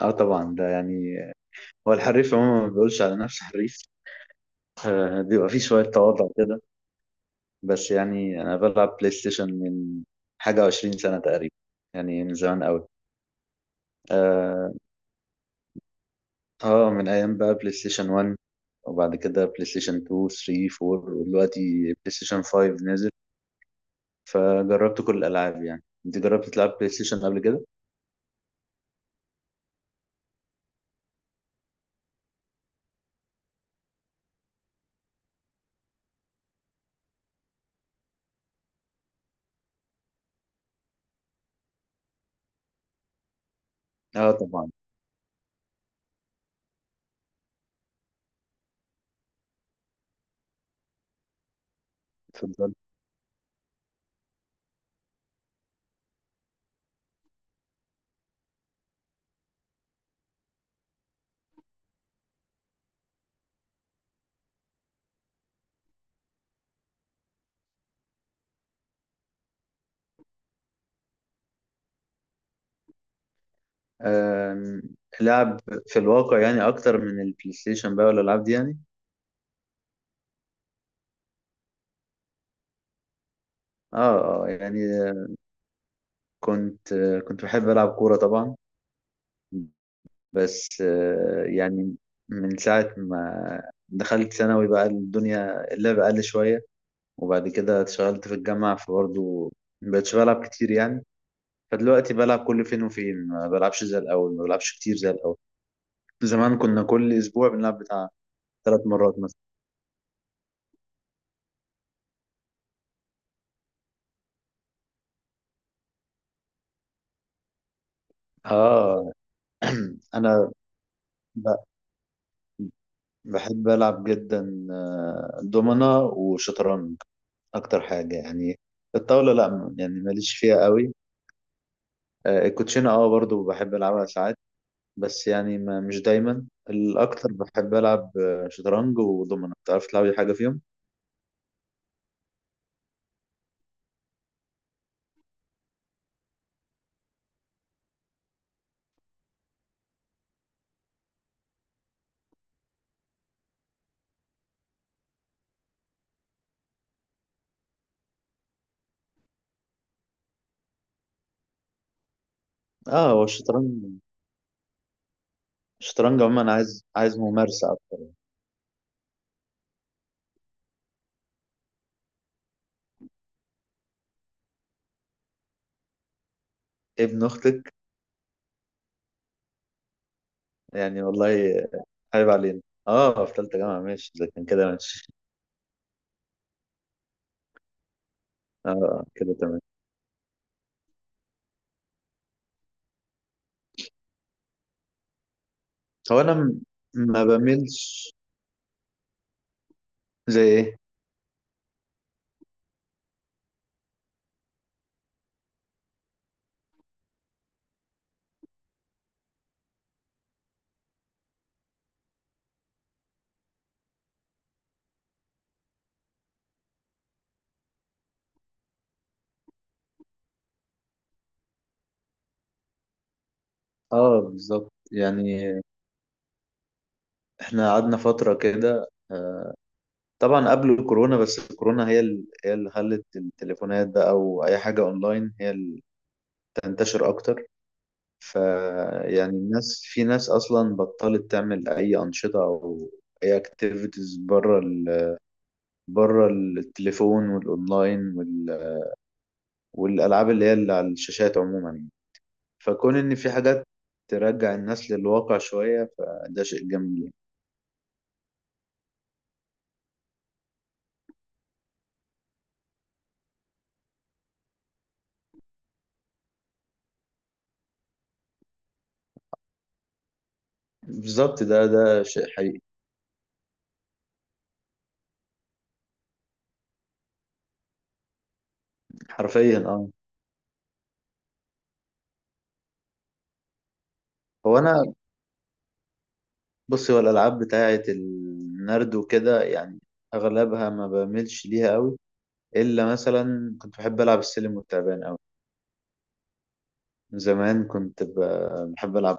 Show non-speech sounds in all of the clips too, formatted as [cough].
اه طبعا ده يعني هو الحريف عموما ما بيقولش على نفسه حريف. بيبقى فيه شوية تواضع كده. بس يعني أنا بلعب بلاي ستيشن من حاجة وعشرين سنة تقريبا، يعني من زمان أوي. آه, آه، من أيام بقى بلاي ستيشن 1، وبعد كده بلاي ستيشن 2 3 4، ودلوقتي بلاي ستيشن 5 نزل، فجربت كل الألعاب. يعني أنت جربت تلعب بلاي ستيشن قبل كده؟ اه طبعا. اتفضل. آه، لعب في الواقع يعني أكتر من البلاي ستيشن بقى والألعاب دي يعني. اه اه يعني كنت كنت بحب ألعب كورة طبعا، بس يعني من ساعة ما دخلت ثانوي بقى الدنيا اللعب قل شوية، وبعد كده اتشغلت في الجامعة فبرضه مبقتش بلعب كتير يعني. فدلوقتي بلعب كل فين وفين، ما بلعبش زي الأول، ما بلعبش كتير زي الأول. زمان كنا كل أسبوع بنلعب بتاع ثلاث مرات مثلا. آه [clears throat] أنا ب- بحب ألعب جدا دومنة وشطرنج، اكتر حاجه يعني. الطاوله لا يعني ماليش فيها قوي. الكوتشينه اه برضو بحب العبها ساعات، بس يعني ما مش دايما الاكتر، بحب العب شطرنج ودومنه. بتعرف تلعبي حاجه فيهم؟ اه، هو الشطرنج، الشطرنج عموما عايز ممارسه اكتر. ابن اختك؟ يعني والله عيب علينا. اه، في ثالثه جامعه ماشي، اذا كان كده ماشي. اه كده تمام. هو انا ما بميلش. زي ايه؟ اه بالظبط يعني، احنا قعدنا فتره كده، طبعا قبل الكورونا، بس الكورونا هي هي اللي خلت التليفونات بقى او اي حاجه اونلاين هي اللي تنتشر اكتر. فيعني الناس، في ناس اصلا بطلت تعمل اي انشطه او اي اكتيفيتيز بره بره التليفون والاونلاين والالعاب اللي هي اللي على الشاشات عموما يعني. فكون ان في حاجات ترجع الناس للواقع شويه، فده شيء جميل يعني. بالظبط، ده شيء حقيقي، حرفيا اه. هو انا، بصي، هو الألعاب بتاعة النرد وكده يعني أغلبها ما بعملش ليها قوي، إلا مثلا كنت بحب ألعب السلم والتعبان قوي. من زمان كنت بحب ألعب.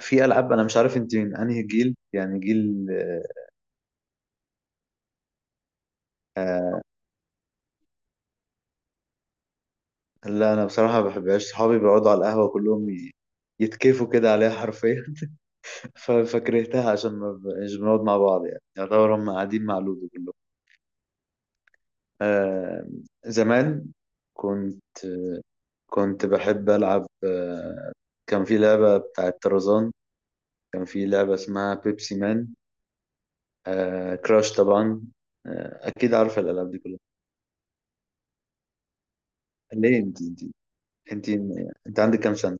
في ألعاب أنا مش عارف أنت من أنهي جيل، يعني جيل. آه لا أنا بصراحة ما بحبهاش. صحابي بيقعدوا على القهوة كلهم يتكيفوا كده عليها حرفيا. [laughs] فكرهتها عشان ما ب- مش بنقعد مع بعض يعني، يعتبر هم قاعدين مع لودو كلهم. آه زمان كنت كنت بحب ألعب، كان في لعبة بتاعة طرزان، كان في لعبة اسمها بيبسي مان، آه، كراش طبعا. أكيد عارفة الألعاب دي كلها. ليه؟ أنت أنت عندك كام سنة؟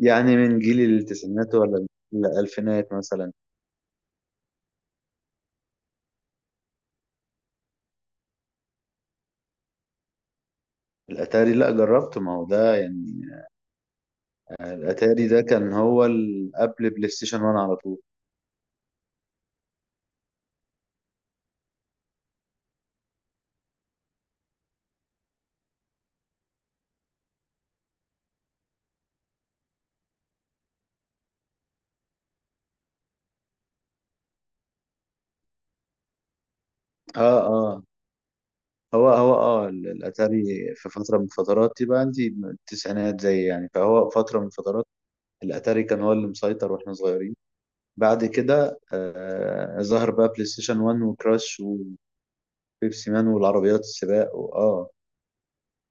يعني من جيل التسعينات ولا الألفينات مثلا؟ الأتاري؟ لا جربته، ما هو ده يعني، الأتاري ده كان هو قبل بلاي ستيشن 1 على طول. اه اه، هو اه الاتاري في فتره من فترات، يبقى عندي التسعينات زي يعني، فهو فتره من فترات الاتاري كان هو اللي مسيطر واحنا صغيرين. بعد كده آه ظهر بقى بلاي ستيشن 1 وكراش وبيبسي مان والعربيات السباق واه.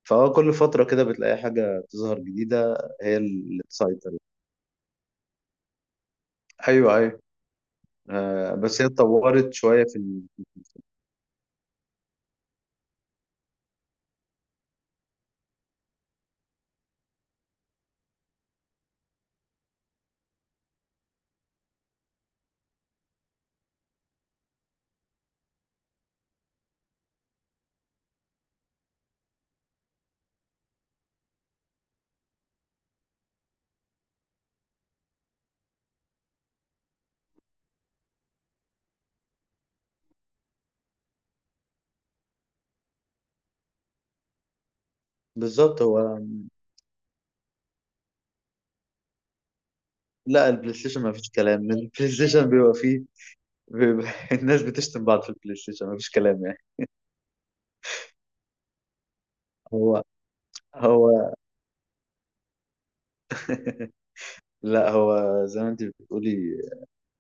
فهو كل فترة كده بتلاقي حاجة تظهر جديدة هي اللي تسيطر. ايوه ايوه. آه بس هي اتطورت شوية في بالظبط هو. لا البلاي ستيشن ما فيش كلام، [laughs] البلاي ستيشن بيبقى فيه، بيبقى [laughs] الناس بتشتم بعض في البلاي ستيشن، ما فيش كلام يعني. هو هو [laughs] لا هو زي ما انت بتقولي،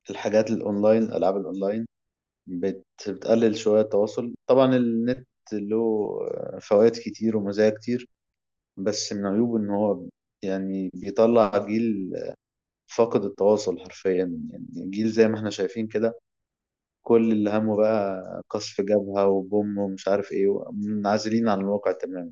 الحاجات الاونلاين، العاب الاونلاين بتقلل شوية التواصل. طبعا النت له فوائد كتير ومزايا كتير، بس من عيوبه إن هو يعني بيطلع جيل فاقد التواصل حرفيا. يعني جيل زي ما احنا شايفين كده، كل اللي همه بقى قصف جبهة وبوم ومش عارف ايه، منعزلين عن الواقع تماما.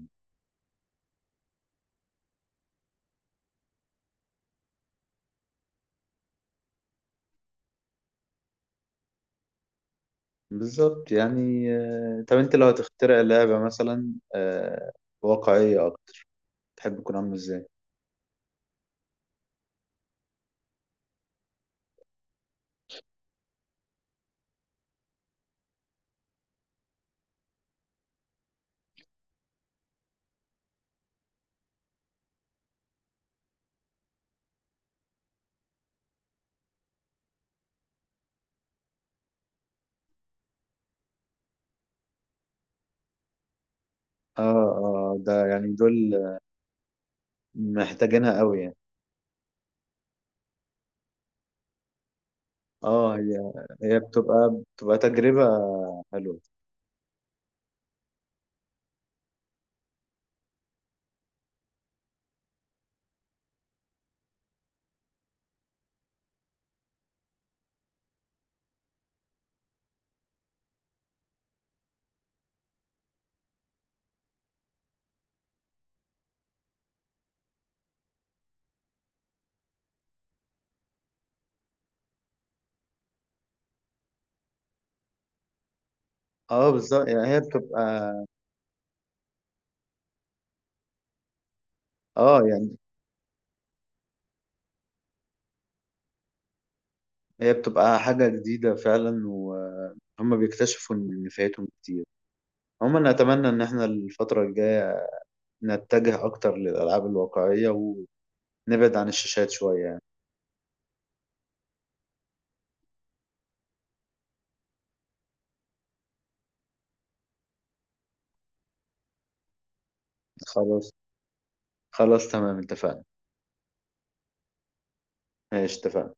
بالظبط يعني. طب انت لو هتخترع لعبة مثلا، واقعية أكتر، تحب تكون عاملة ازاي؟ اه اه ده يعني دول محتاجينها قوي يعني. اه، هي بتبقى تجربة حلوة. اه بالظبط يعني هي بتبقى. اه يعني هي بتبقى حاجة جديدة فعلا، وهم بيكتشفوا ان فايتهم كتير. عموما اتمنى ان احنا الفترة الجاية نتجه اكتر للالعاب الواقعية، ونبعد عن الشاشات شوية يعني. خلاص، خلاص تمام، اتفقنا. ماشي اتفقنا.